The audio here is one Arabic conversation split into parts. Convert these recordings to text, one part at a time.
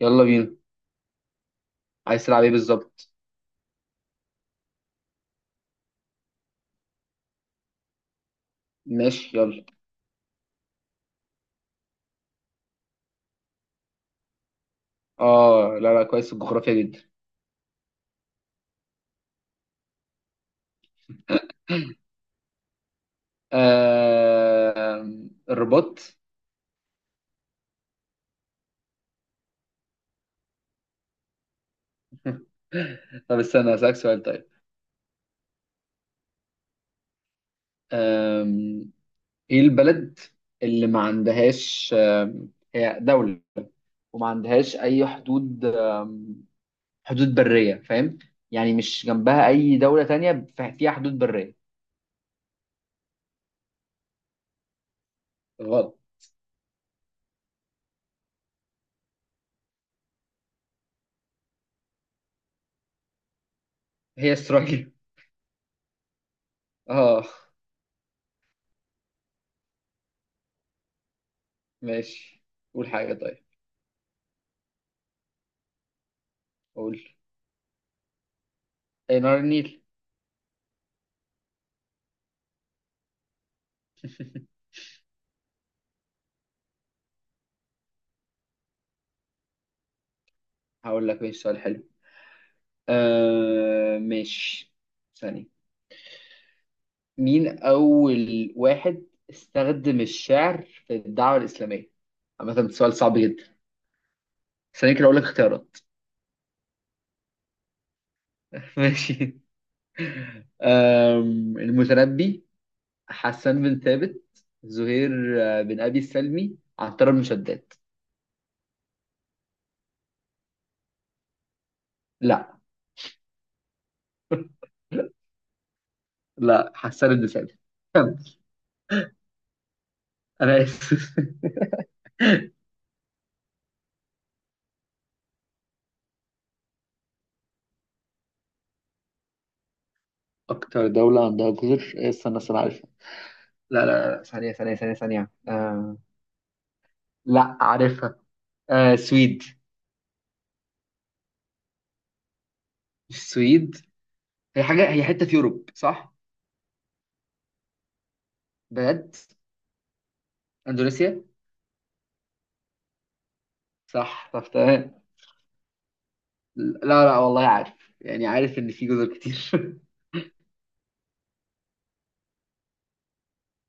يلا بينا. عايز تلعب ايه بالظبط؟ ماشي يلا. اه، لا لا، كويس في الجغرافيا جدا. آه... الرباط. طب استنى، هسألك سؤال طيب. آم... ايه البلد اللي ما عندهاش، هي دولة، وما عندهاش اي حدود، حدود برية، فاهم؟ يعني مش جنبها اي دولة تانية فيها حدود برية. غلط، هي اسرائيل. اه ماشي، قول حاجة طيب. قول. ايه، نهر النيل. هقول لك ماشي، سؤال حلو. آه ماشي، ثانية. مين أول واحد استخدم الشعر في الدعوة الإسلامية؟ عامة ده سؤال صعب جدا. ثانية كده أقول لك اختيارات. ماشي. المتنبي، حسان بن ثابت، زهير، بن أبي السلمي، عنتر بن شداد. لا، لا، حسان بن ثابت. أنا آسف. أكتر دولة عندها جزر، استنى استنى، عارفها. لا لا لا، ثانية ثانية ثانية ثانية، لا، عارفها. آه سويد. السويد. هي حاجة، هي حتة في يوروب صح؟ بجد؟ اندونيسيا؟ صح، طب تمام. لا لا، والله عارف، يعني عارف ان في جزر كتير.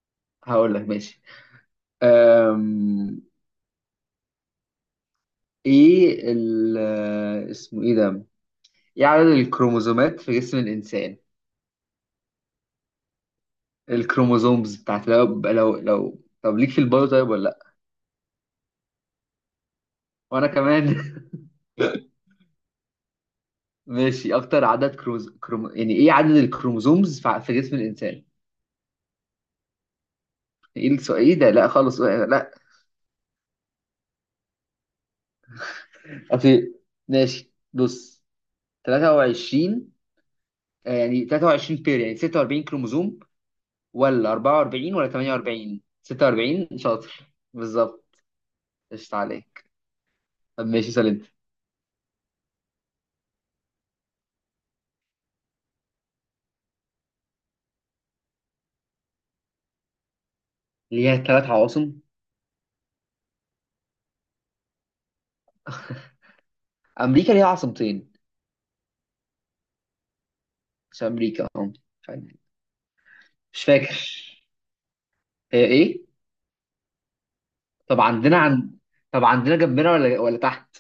هقول لك ماشي. أم... ايه ال اسمه ايه ده؟ ايه عدد الكروموزومات في جسم الانسان؟ الكروموزومز بتاعت، لو طب ليك في البايو طيب ولا لا؟ وانا كمان. ماشي، اكتر عدد يعني ايه عدد الكروموزومز في جسم الانسان؟ ايه السؤال، ايه ده؟ لا خالص لا. اصل ماشي بص، 23. يعني 23 بير، يعني 46 كروموزوم، ولا 44 ولا 48؟ 46، شاطر بالظبط. قشطة عليك. طب ماشي، سلمت. ليها ثلاث عواصم؟ امريكا ليها عاصمتين. مش امريكا، مش فاكر. هي ايه؟ طب عندنا عن، طب عندنا جنبنا ولا تحت؟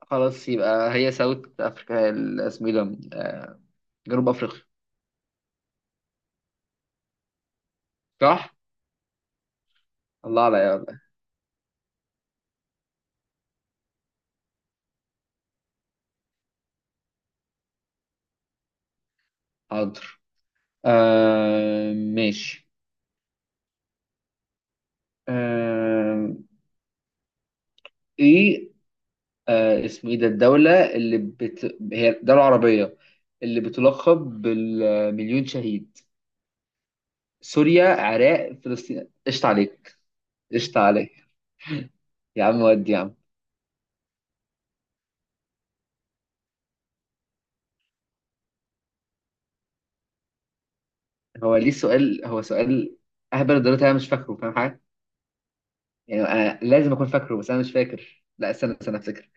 خلاص يبقى هي ساوث افريقيا، اسمه ايه ده، جنوب افريقيا. صح. الله عليا والله. حاضر. آه ماشي، آه ايه، آه اسمه ايه ده، الدولة اللي بت... هي دولة عربية اللي بتلقب بالمليون شهيد. سوريا، عراق، فلسطين. قشطة عليك، قشطة عليك. يا عم ودي، يا عم. هو ليه سؤال؟ هو سؤال اهبل الدرجة انا مش فاكره، فاهم حاجة؟ يعني أنا لازم اكون فاكره، بس انا مش فاكر. لا استنى استنى افتكر.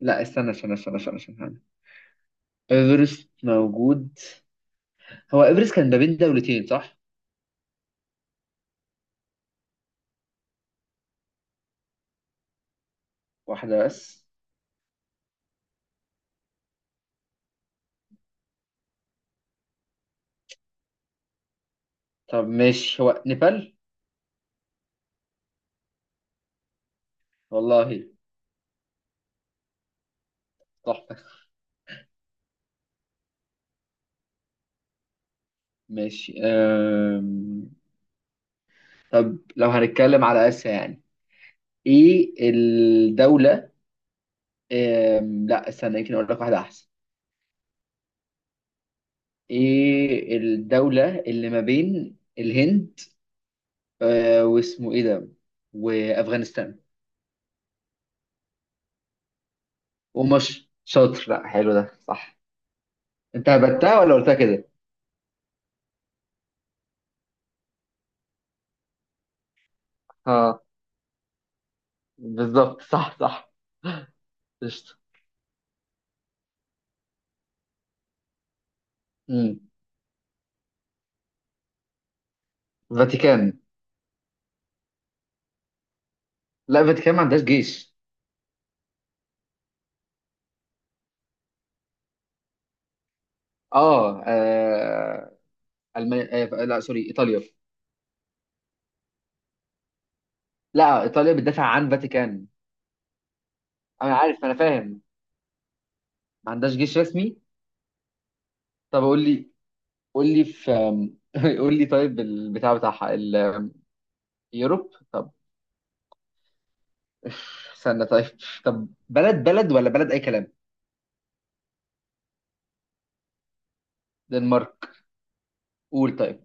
لا استنى استنى استنى استنى استنى استنى. ايفرست موجود. هو ايفرست كان ما بين دولتين صح؟ واحدة بس؟ طب ماشي، هو نيبال. والله، تحفة. ماشي. طب لو هنتكلم على آسيا، يعني ايه الدولة، لا استنى، يمكن اقول لك واحدة احسن. ايه الدولة اللي ما بين الهند، واسمه ايه ده، وافغانستان ومصر؟ شاطر، لا حلو ده، صح. انت هبتها ولا قلتها كده؟ اه بالظبط، صح صح. قشطة. مم. فاتيكان. لا، فاتيكان ما عندهاش جيش. اه, آه... المانيا، لا سوري، ايطاليا. لا، ايطاليا بتدافع عن فاتيكان. انا عارف، انا فاهم. ما عندهاش جيش رسمي. طب قول لي، قول لي في، قول لي طيب البتاع بتاعها يوروب. طب استنى طيب، طب بلد بلد ولا بلد اي كلام؟ دنمارك. قول طيب.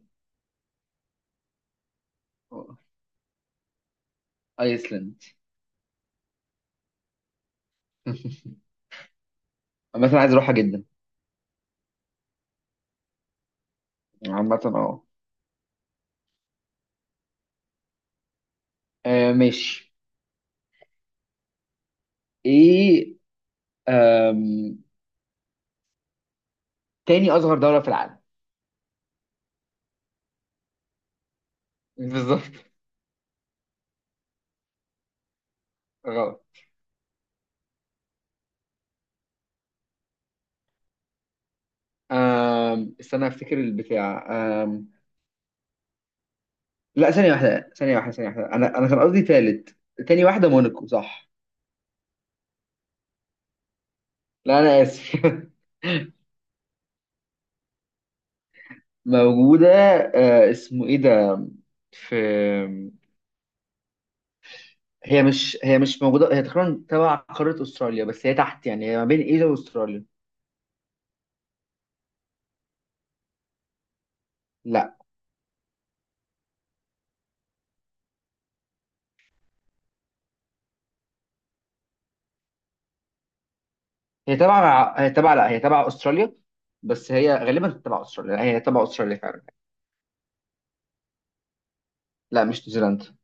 ايسلند. مثلا عايز اروحها جدا. عامة اه، ماشي. ايه، آم، تاني اصغر دولة في العالم. بالظبط. غلط. استنى افتكر البتاع. لا، ثانية واحدة ثانية واحدة ثانية واحدة، أنا كان قصدي تالت. تاني واحدة، موناكو صح؟ لا أنا آسف. موجودة، آه اسمه إيه ده، في. هي مش موجودة، هي تقريبا تبع قارة أستراليا بس هي تحت، يعني هي ما بين إيه ده وأستراليا. لا، هي تبع لا، هي تبع أستراليا. بس هي غالبا تبع أستراليا، لا، هي تبع أستراليا فعلا. لا مش نيوزيلندا.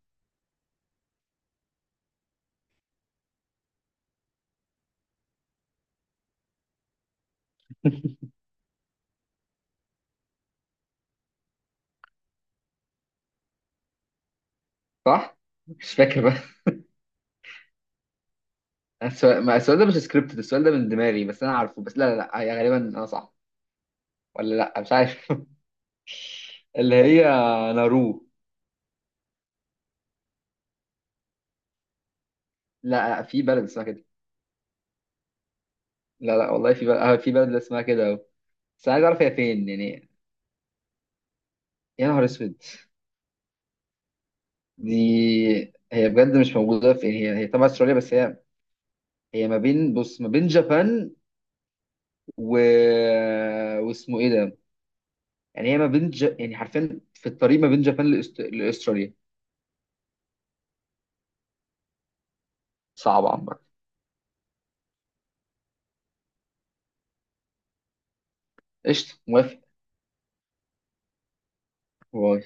صح؟ مش فاكر بقى. السؤال، ما السؤال ده مش سكريبتد، السؤال ده من دماغي، بس أنا عارفه. بس لا لا لا، هي غالبا أنا صح. ولا لا، مش عارف. اللي هي، نارو. لا، في بلد اسمها كده. لا لا والله، في بلد، في بلد اسمها كده أهو. بس عايز اعرف هي فين يعني. يا نهار اسود. دي، هي بجد مش موجوده في يعني، هي تبع استراليا، بس هي ما بين، بص، ما بين جابان و، واسمه ايه ده، يعني هي ما بين ج... يعني حرفيا في الطريق ما بين جابان لاستراليا. صعب عمرك. قشطه، موافق. باي.